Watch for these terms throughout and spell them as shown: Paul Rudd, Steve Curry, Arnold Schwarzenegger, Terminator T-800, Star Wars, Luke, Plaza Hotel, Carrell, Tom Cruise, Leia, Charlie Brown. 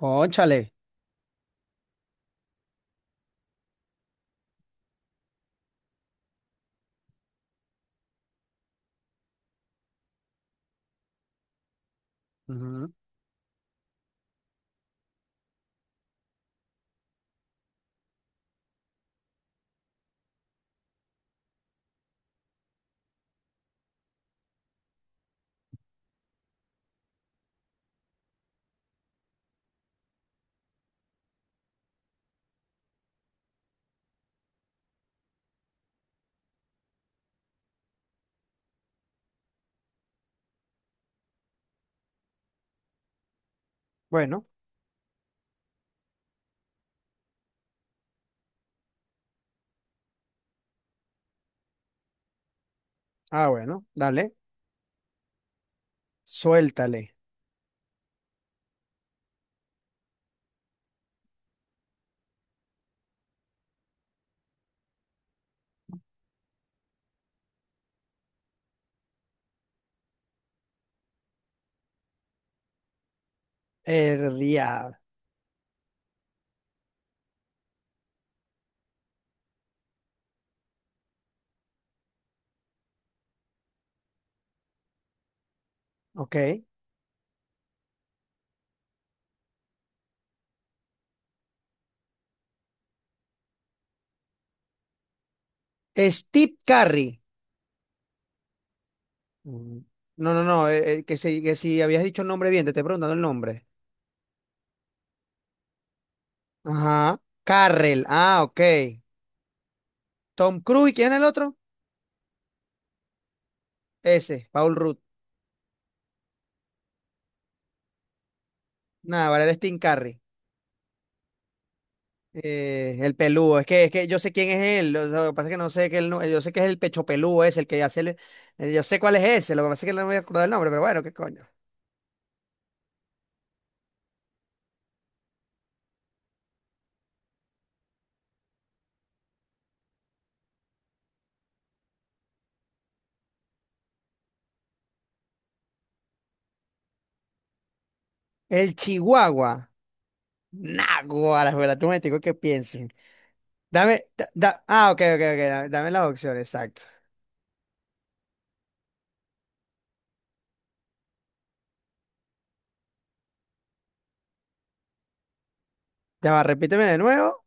Cónchale. Ujú. Bueno, bueno, dale. Suéltale. El diablo. Ok. Steve Curry. Mm. No, no, no. Que si habías dicho el nombre bien, te estoy preguntando el nombre. Ajá. Carrell. Ah, ok. Tom Cruise. ¿Quién es el otro? Ese, Paul Rudd. Nada, vale, el Steve Curry. El peludo. Es que yo sé quién es él. Lo que pasa es que no sé que él yo sé que es el pecho peludo ese, el que hace. Yo sé cuál es ese. Lo que pasa es que no me voy a acordar el nombre, pero bueno, qué coño. El Chihuahua. Naguará, espera, tú me digo que piensen. Dame, da- da- ah, ok, ok, ok, dame, la opción, exacto. Ya va, repíteme de nuevo.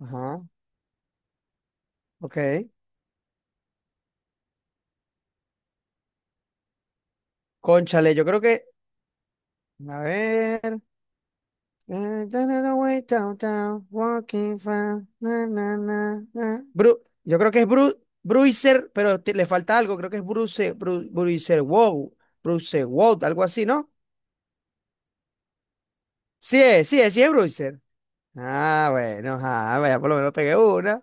Ajá, ok. Cónchale, yo creo que, a ver. Da, da, da, way downtown, walking fast, na, na, na, na. Yo creo que es Bruiser, pero le falta algo, creo que es Bruiser, wow, Bruce, wow, algo así, ¿no? Sí es, sí es, sí es Bruiser. Ah, bueno, ah, vaya, por lo menos pegué una.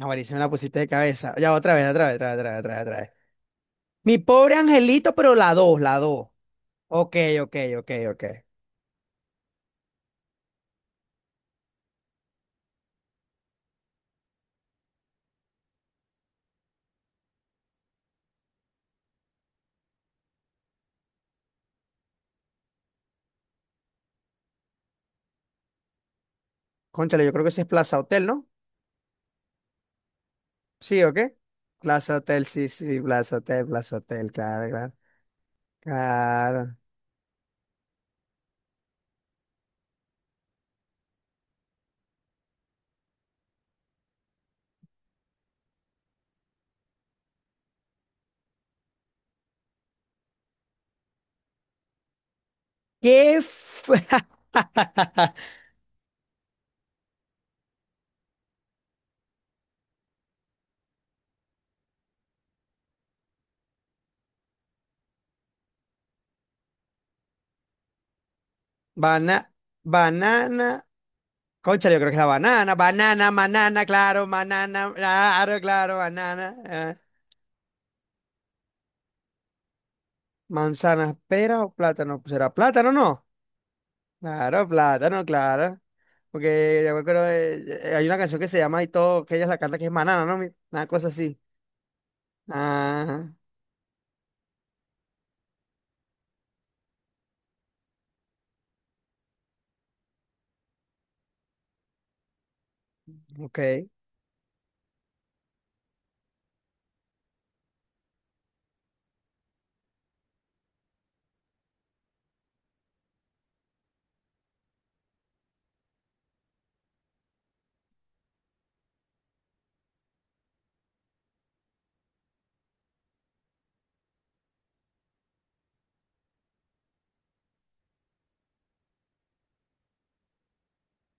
Ah, buenísimo, la pusiste de cabeza. Ya, otra vez, otra vez, otra vez, otra vez, otra vez, otra vez. Mi pobre angelito, pero la dos, la dos. Ok, ok, ok, ok. Cónchale, yo creo que ese es Plaza Hotel, ¿no? Sí, ¿o qué? Plaza Hotel, sí, sí, Plaza Hotel, Plaza Hotel, claro, claro. Claro. ¿Qué fue? Bana- banana. Cónchale, yo creo que es la banana. Banana, banana, claro, claro, banana. Manzana, pera o plátano. ¿Será plátano, o no? Claro, plátano, claro. Porque yo me acuerdo hay una canción que se llama y todo, que ella la canta que es Manana, ¿no? Una cosa así. Ah, ok.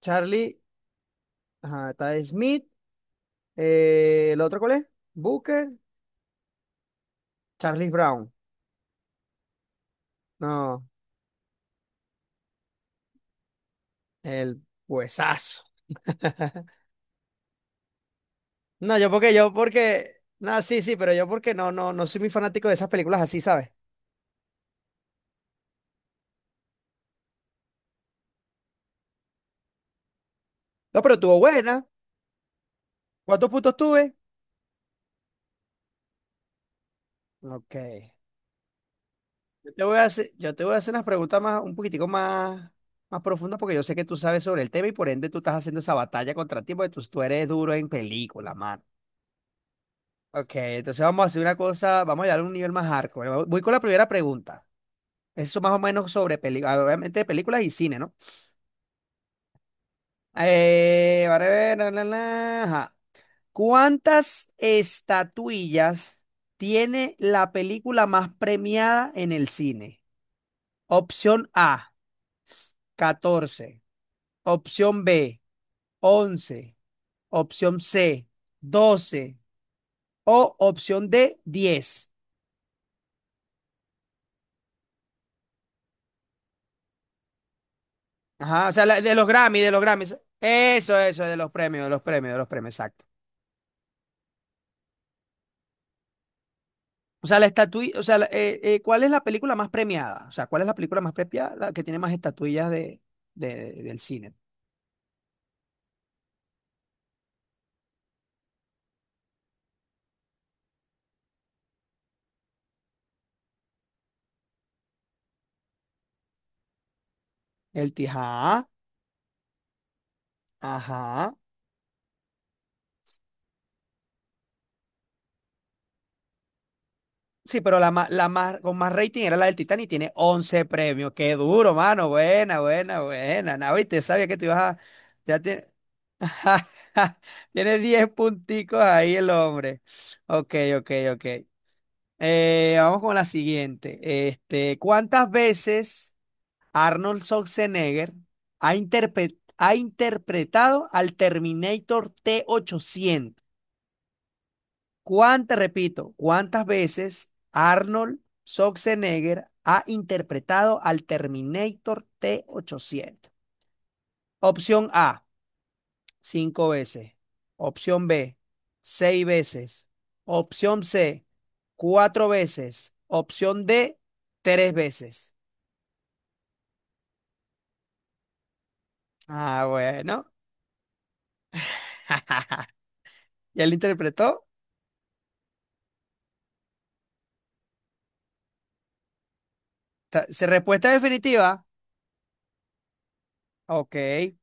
Charlie, ajá, está Smith. ¿El otro cuál es? Booker, Charlie Brown. No, el huesazo. No, sí, sí, pero yo porque no, no, no soy muy fanático de esas películas así, ¿sabes? No, pero tuvo buena. ¿Cuántos puntos tuve? Ok. Le voy a hacer, yo te voy a hacer unas preguntas más, un poquitico más, más profundas porque yo sé que tú sabes sobre el tema y por ende tú estás haciendo esa batalla contra ti porque tú eres duro en película, mano. Ok, entonces vamos a hacer una cosa, vamos a llegar a un nivel más hardcore. Voy con la primera pregunta. Eso más o menos sobre películas, obviamente de películas y cine, ¿no? Vale, ver, la, ajá. ¿Cuántas estatuillas tiene la película más premiada en el cine? Opción A, catorce. Opción B, once. Opción C, doce. O opción D, diez. Ajá, o sea, de los Grammy, de los Grammys. Eso, de los premios, de los premios, de los premios, exacto. O sea, la estatuilla, o sea, ¿cuál es la película más premiada? O sea, ¿cuál es la película más premiada? La que tiene más estatuillas de, del cine. El Tijá, ajá. Sí, pero la más, con más rating era la del Titanic y tiene 11 premios. Qué duro, mano. Buena, buena, buena. No, viste, sabía que tú ibas a... Ya te- Tiene 10 punticos ahí el hombre. Ok, ok, ok. Vamos con la siguiente. Este, ¿cuántas veces Arnold Schwarzenegger ha interpretado al Terminator T-800? ¿Cuántas, repito, cuántas veces Arnold Schwarzenegger ha interpretado al Terminator T-800? Opción A, cinco veces. Opción B, seis veces. Opción C, cuatro veces. Opción D, tres veces. Ah, bueno, ya lo interpretó. ¿Se respuesta definitiva? Ok. Eh,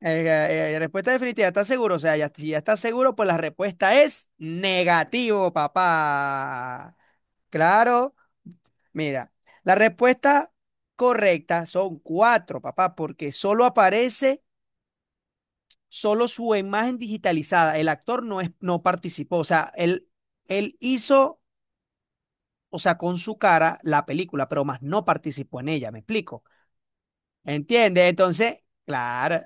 eh, eh, Respuesta definitiva, ¿estás seguro? O sea, ya, si ya estás seguro, pues la respuesta es negativo, papá. Claro, mira, la respuesta correcta son cuatro, papá, porque solo aparece solo su imagen digitalizada, el actor no, es, no participó, o sea, él hizo, o sea, con su cara la película, pero más no participó en ella, ¿me explico? ¿Entiendes? Entonces, claro,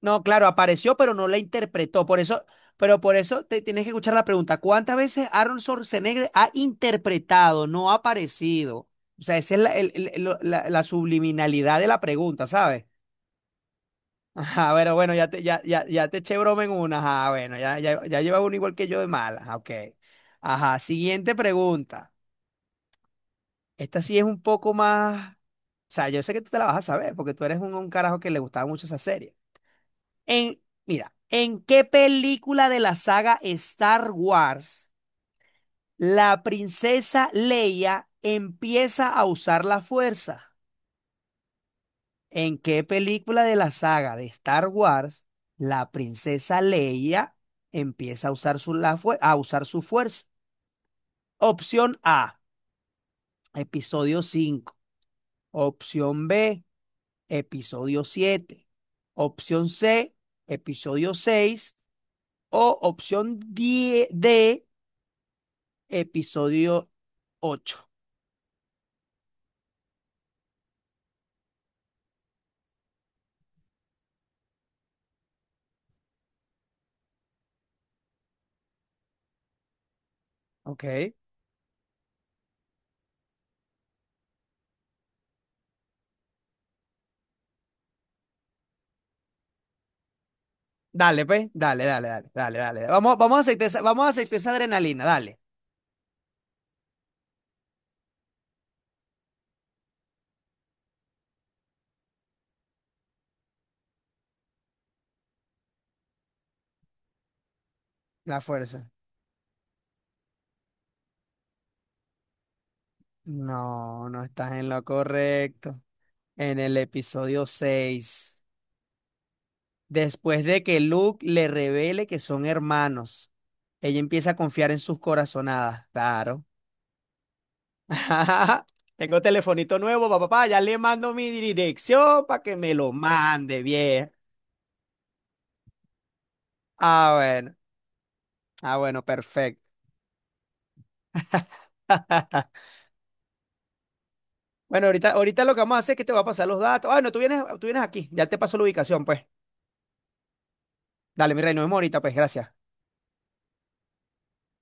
no, claro, apareció, pero no la interpretó, por eso, pero por eso te tienes que escuchar la pregunta, ¿cuántas veces Aaron Schwarzenegger ha interpretado, no ha aparecido? O sea, esa es la, la subliminalidad de la pregunta, ¿sabes? Ajá, bueno, bueno, ya te, ya, ya, ya te eché broma en una. Ajá, bueno, ya, ya, ya lleva uno igual que yo de mala. Ajá, ok. Ajá, siguiente pregunta. Esta sí es un poco más. O sea, yo sé que tú te la vas a saber porque tú eres un carajo que le gustaba mucho esa serie. En, mira, ¿en qué película de la saga Star Wars la princesa Leia empieza a usar la fuerza? ¿En qué película de la saga de Star Wars la princesa Leia empieza a usar a usar su fuerza? Opción A, episodio 5. Opción B, episodio 7. Opción C, episodio 6. O opción die D, episodio 8. Ok. Dale, pues. Dale, dale, dale, dale, dale. Vamos, vamos a aceitar esa, vamos a aceitar esa adrenalina. Dale. La fuerza. No, no estás en lo correcto. En el episodio 6, después de que Luke le revele que son hermanos, ella empieza a confiar en sus corazonadas. Claro. Tengo telefonito nuevo, papá, papá, ya le mando mi dirección para que me lo mande bien. Ah, bueno. Ah, bueno, perfecto. Bueno, ahorita, ahorita lo que vamos a hacer es que te voy a pasar los datos. Ah, no, tú vienes aquí. Ya te paso la ubicación, pues. Dale, mi rey, nos vemos ahorita, pues, gracias.